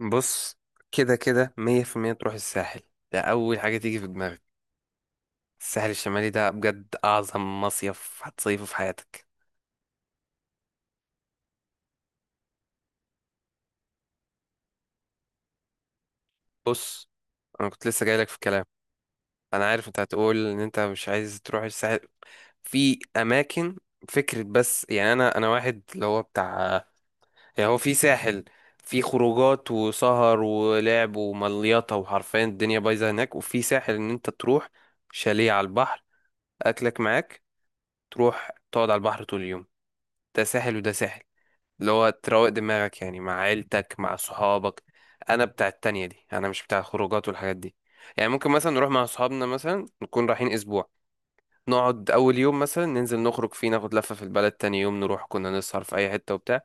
بص، كده كده مية في المية تروح الساحل. ده أول حاجة تيجي في دماغك. الساحل الشمالي ده بجد أعظم مصيف هتصيفه في حياتك. بص، أنا كنت لسه جايلك في الكلام. أنا عارف أنت هتقول إن أنت مش عايز تروح الساحل في أماكن. فكرة، بس يعني أنا واحد اللي هو بتاع، يعني هو في ساحل في خروجات وسهر ولعب ومليطة وحرفيا الدنيا بايظة هناك، وفي ساحل إن أنت تروح شاليه على البحر، أكلك معاك، تروح تقعد على البحر طول اليوم. ده ساحل وده ساحل اللي هو تروق دماغك يعني، مع عيلتك مع صحابك. انا بتاع التانية دي، انا مش بتاع الخروجات والحاجات دي. يعني ممكن مثلا نروح مع صحابنا مثلا نكون رايحين اسبوع، نقعد اول يوم مثلا ننزل نخرج فيه ناخد لفة في البلد، تاني يوم نروح كنا نسهر في اي حتة وبتاع.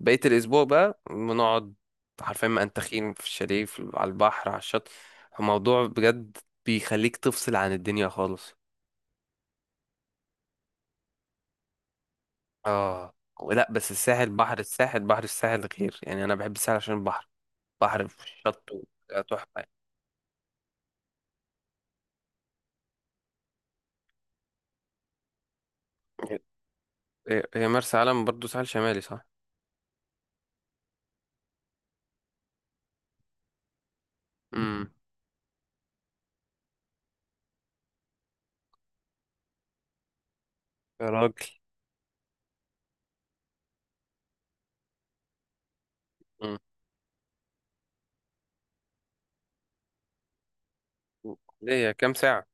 بقية الاسبوع بقى بنقعد حرفيا منتخين في الشاليه على البحر على الشط. الموضوع بجد بيخليك تفصل عن الدنيا خالص. اه، لا بس الساحل بحر، الساحل بحر، الساحل غير يعني، انا بحب الساحل عشان البحر، بحر الشط وبتاع تحفة يعني. هي مرسى علم برضو ساحل شمالي صح؟ امم يا راجل. امم ليه، هي كام ساعة؟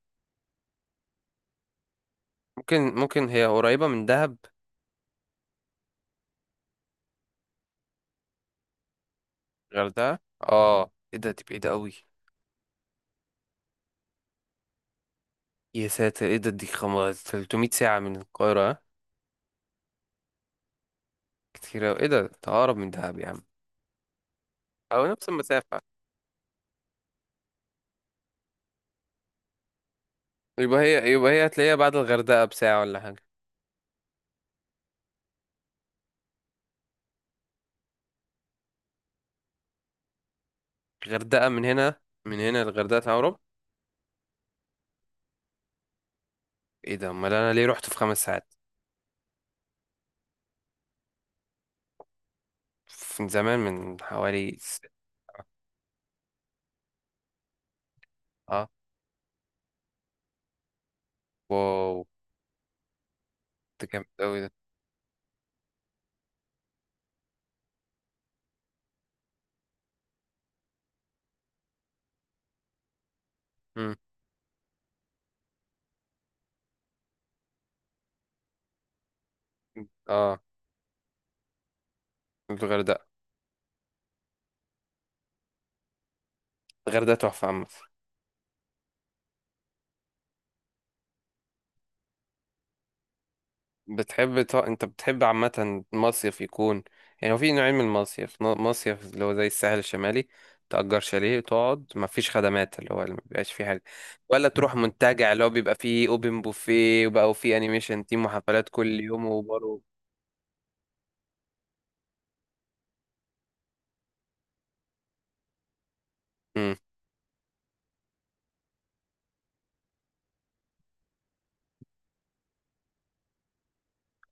ممكن هي قريبة من دهب. غردقة، اه ايه ده، دي بعيدة قوي. يا ساتر ايه ده، دي خمس 300 ساعة من القاهرة ها؟ كتير قوي، ايه ده تقرب من دهب يا عم، او نفس المسافة. يبقى هي هتلاقيها بعد الغردقة بساعة ولا حاجة. الغردقة من هنا، للغردقة تقرب. ايه ده، امال انا ليه رحت في خمس ساعات؟ من زمان، من حوالي اه. واو. ده جامد أوي ده. مم. اه. الغردقة، الغردقة تحفة عامة. انت بتحب عامة مصيف يكون، يعني هو في نوعين من المصيف، مصيف اللي هو زي الساحل الشمالي، تأجر شاليه وتقعد مفيش خدمات اللي هو اللي مبيبقاش فيه حاجة، ولا تروح منتجع اللي هو بيبقى فيه اوبن بوفيه وبقى وفيه انيميشن تيم وحفلات كل يوم وبرو. امم.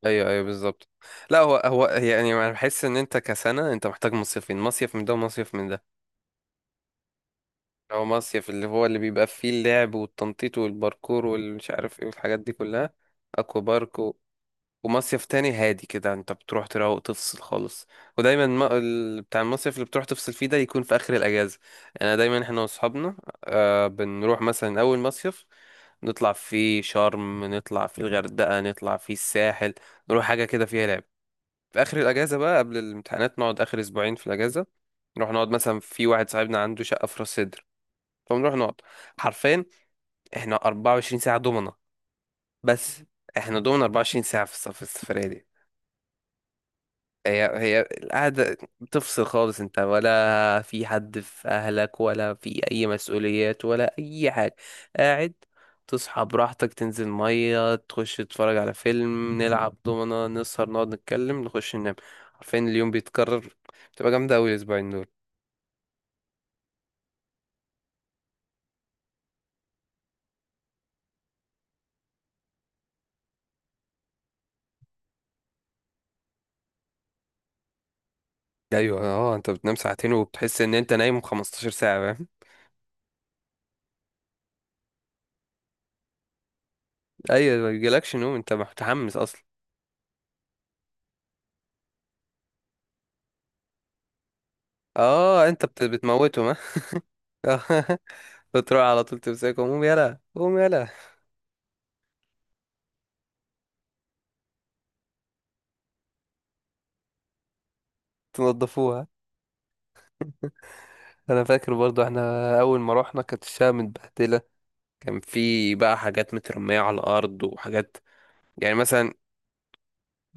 ايوه ايوه بالظبط. لا، هو يعني انا بحس ان انت كسنة انت محتاج مصيفين، مصيف من ده ومصيف من ده. هو مصيف اللي هو اللي بيبقى فيه اللعب والتنطيط والباركور والمش عارف ايه والحاجات دي كلها، اكوا بارك و... ومصيف تاني هادي كده انت بتروح تروق تفصل خالص. ودايما ما... ال- بتاع المصيف اللي بتروح تفصل فيه ده يكون في اخر الاجازه. انا دايما احنا واصحابنا آه بنروح مثلا اول مصيف، نطلع فيه شرم، نطلع فيه الغردقه، نطلع فيه الساحل، نروح حاجه كده فيها لعب. في اخر الاجازه بقى قبل الامتحانات نقعد اخر اسبوعين في الاجازه، نروح نقعد مثلا في واحد صاحبنا عنده شقه في راس سدر، فنروح نقعد حرفيا احنا 24 ساعة دومنا، بس دومنا 24 ساعة في في السفرية دي. هي القعدة بتفصل خالص، انت ولا في حد في اهلك ولا في اي مسؤوليات ولا اي حاجة، قاعد تصحى براحتك، تنزل مية، تخش تتفرج على فيلم، نلعب دومنا، نسهر، نقعد نتكلم، نخش ننام، عارفين اليوم بيتكرر. بتبقى جامدة أوي الأسبوعين دول. أيوة، اه، انت بتنام ساعتين وبتحس ان انت نايم 15 ساعة. ايوه، ما بيجيلكش نوم انت متحمس اصلا. اه انت بتموته ما. بتروح على طول تمسكه، قوم يلا قوم يلا. تنضفوها. انا فاكر برضو احنا اول ما رحنا كانت الشقه متبهدله، كان في بقى حاجات مترميه على الارض وحاجات، يعني مثلا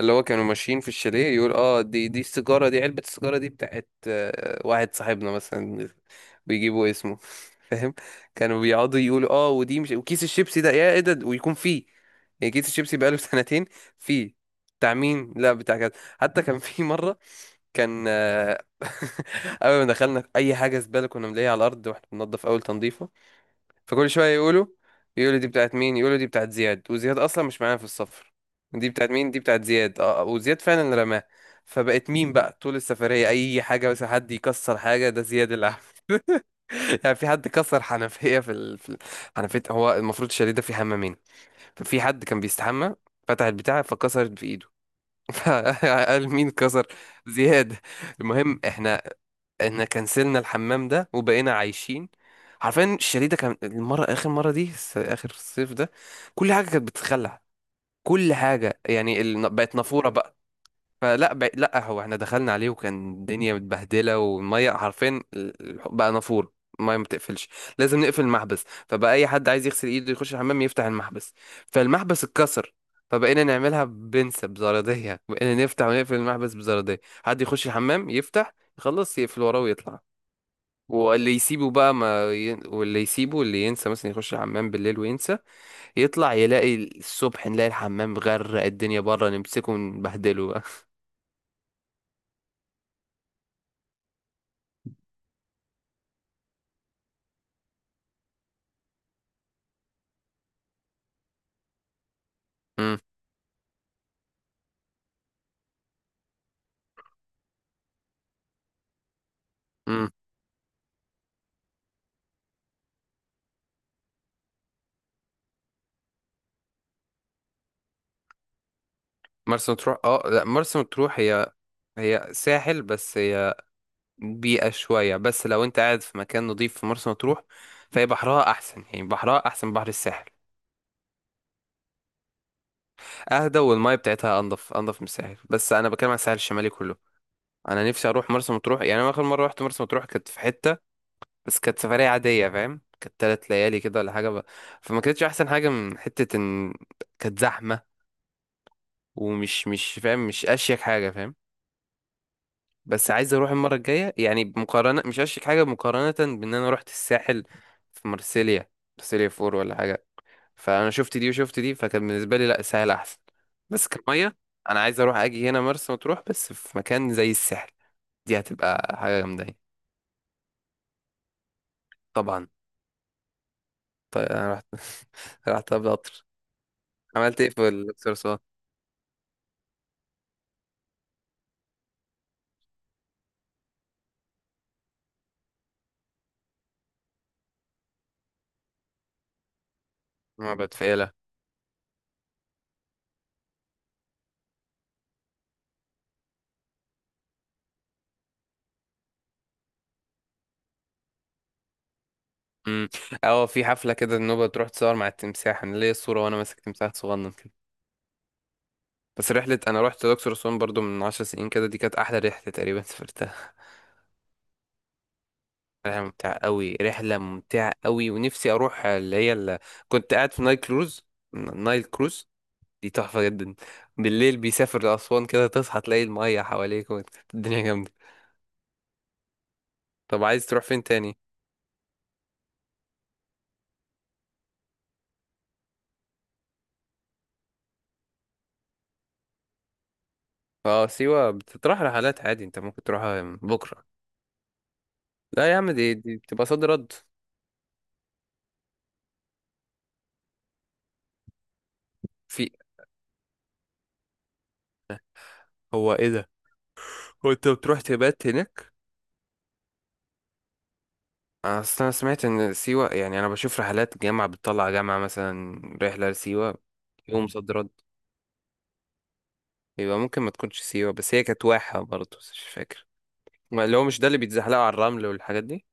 اللي هو كانوا ماشيين في الشاليه يقول اه دي السيجاره، علبه السيجاره دي بتاعت واحد صاحبنا مثلا، بيجيبوا اسمه، فاهم. كانوا بيقعدوا يقولوا اه ودي مش، وكيس الشيبسي ده يا ايه ده، ويكون فيه، يعني كيس الشيبسي بقاله سنتين، فيه بتاع مين، لا بتاع كذا. حتى كان في مره، كان اول ما دخلنا في اي حاجه زباله كنا بنلاقيها على الارض واحنا بننضف اول تنظيفه، فكل شويه يقولوا، يقولوا دي بتاعت مين، يقولوا دي بتاعت زياد. وزياد اصلا مش معانا في السفر، دي بتاعت مين، دي بتاعت زياد، اه وزياد فعلا رماها. فبقت مين بقى طول السفريه اي حاجه بس حد يكسر حاجه، ده زياد. يعني في حد كسر حنفية في حنفية. هو المفروض الشاليه ده فيه حمامين، ففي حد كان بيستحمى، فتح البتاع فكسرت في ايده، فقال مين كسر؟ زياد. المهم احنا كنسلنا الحمام ده وبقينا عايشين عارفين الشاليه ده، كان المرة آخر مرة دي آخر الصيف ده كل حاجة كانت بتتخلع، كل حاجة يعني بقت نافورة بقى. لا هو احنا دخلنا عليه وكان الدنيا متبهدله والميه حرفيا بقى نافور، الميه ما بتقفلش، لازم نقفل المحبس. فبقى اي حد عايز يغسل ايده يخش الحمام يفتح المحبس، فالمحبس اتكسر. فبقينا نعملها بنسة بزرادية، بقينا نفتح ونقفل المحبس بزرادية، حد يخش الحمام يفتح يخلص يقفل وراه ويطلع. واللي يسيبه بقى ما ي... واللي يسيبه، اللي ينسى مثلا يخش الحمام بالليل وينسى، يطلع يلاقي الصبح، نلاقي الحمام غرق الدنيا بره، نمسكه ونبهدله بقى. مم. مرسى مطروح، اه لا مرسى مطروح هي، هي ساحل بس هي بيئة شوية، بس لو انت قاعد في مكان نظيف في مرسى مطروح فهي بحرها احسن يعني، بحرها احسن من بحر الساحل. اهدى والمية بتاعتها انضف، انضف من الساحل، بس انا بتكلم عن الساحل الشمالي كله. انا نفسي اروح مرسى مطروح يعني، انا اخر مرة رحت مرسى مطروح كانت في حتة، بس كانت سفرية عادية فاهم، كانت تلات ليالي كده ولا حاجة فما كانتش احسن حاجة من حتة ان كانت زحمة ومش، مش فاهم، مش اشيك حاجة فاهم. بس عايز اروح المره الجايه يعني، بمقارنه، مش هشتك حاجه، مقارنه بان انا رحت الساحل في مرسيليا، مرسيليا فور ولا حاجه، فانا شفت دي وشفت دي، فكان بالنسبه لي لا الساحل احسن. بس كميه، انا عايز اروح اجي هنا مرسى مطروح بس في مكان زي الساحل، دي هتبقى حاجه جامده يعني. طبعا. طيب انا رحت رحت قطر. عملت ايه في الاقصر اسوان؟ معبد فيلة. امم. اه في حفله كده النوبه تروح تصور مع التمساح، انا ليا الصوره وانا ماسك تمساح صغنن كده. بس رحلة، أنا رحت الأقصر وأسوان برضو من عشر سنين كده، دي كانت أحلى رحلة تقريبا سافرتها. رحلة ممتعة أوي، رحلة ممتعة أوي. ونفسي أروح اللي هي اللي، كنت قاعد في نايل كروز، نايل كروز دي تحفة جدا، بالليل بيسافر لأسوان كده، تصحى تلاقي المية حواليك الدنيا جامدة. طب عايز تروح فين تاني؟ اه سيوة بتطرح رحلات عادي، انت ممكن تروحها بكرة. لا يا عم، دي بتبقى صد رد. في، هو ايه ده؟ هو انت بتروح تبات هناك؟ اصل انا سمعت ان سيوة، يعني انا بشوف رحلات جامعة بتطلع جامعة مثلا رحلة لسيوة يوم. مم. صد رد. يبقى ممكن ما تكونش سيوة، بس هي كانت واحة برضه بس مش فاكر. اللي هو مش ده اللي بيتزحلقوا على الرمل والحاجات دي؟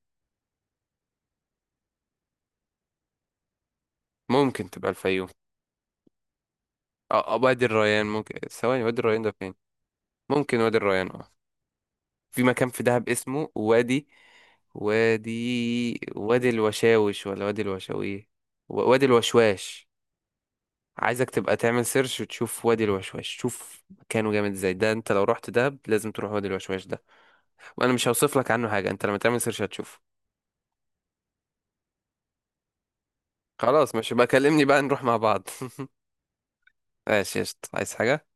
ممكن تبقى الفيوم. اه وادي الريان. ممكن ثواني، وادي الريان ده فين؟ ممكن وادي الريان، اه. في مكان في دهب اسمه وادي، وادي الوشاوش ولا وادي الوشاوي، وادي الوشواش. عايزك تبقى تعمل سيرش وتشوف وادي الوشواش، شوف مكانه جامد ازاي، ده انت لو رحت دهب لازم تروح وادي الوشواش ده، وانا مش هوصف لك عنه حاجه، انت لما تعمل سيرش هتشوف. خلاص ماشي بقى، كلمني بقى نروح مع بعض. ماشي قشطة. عايز حاجه؟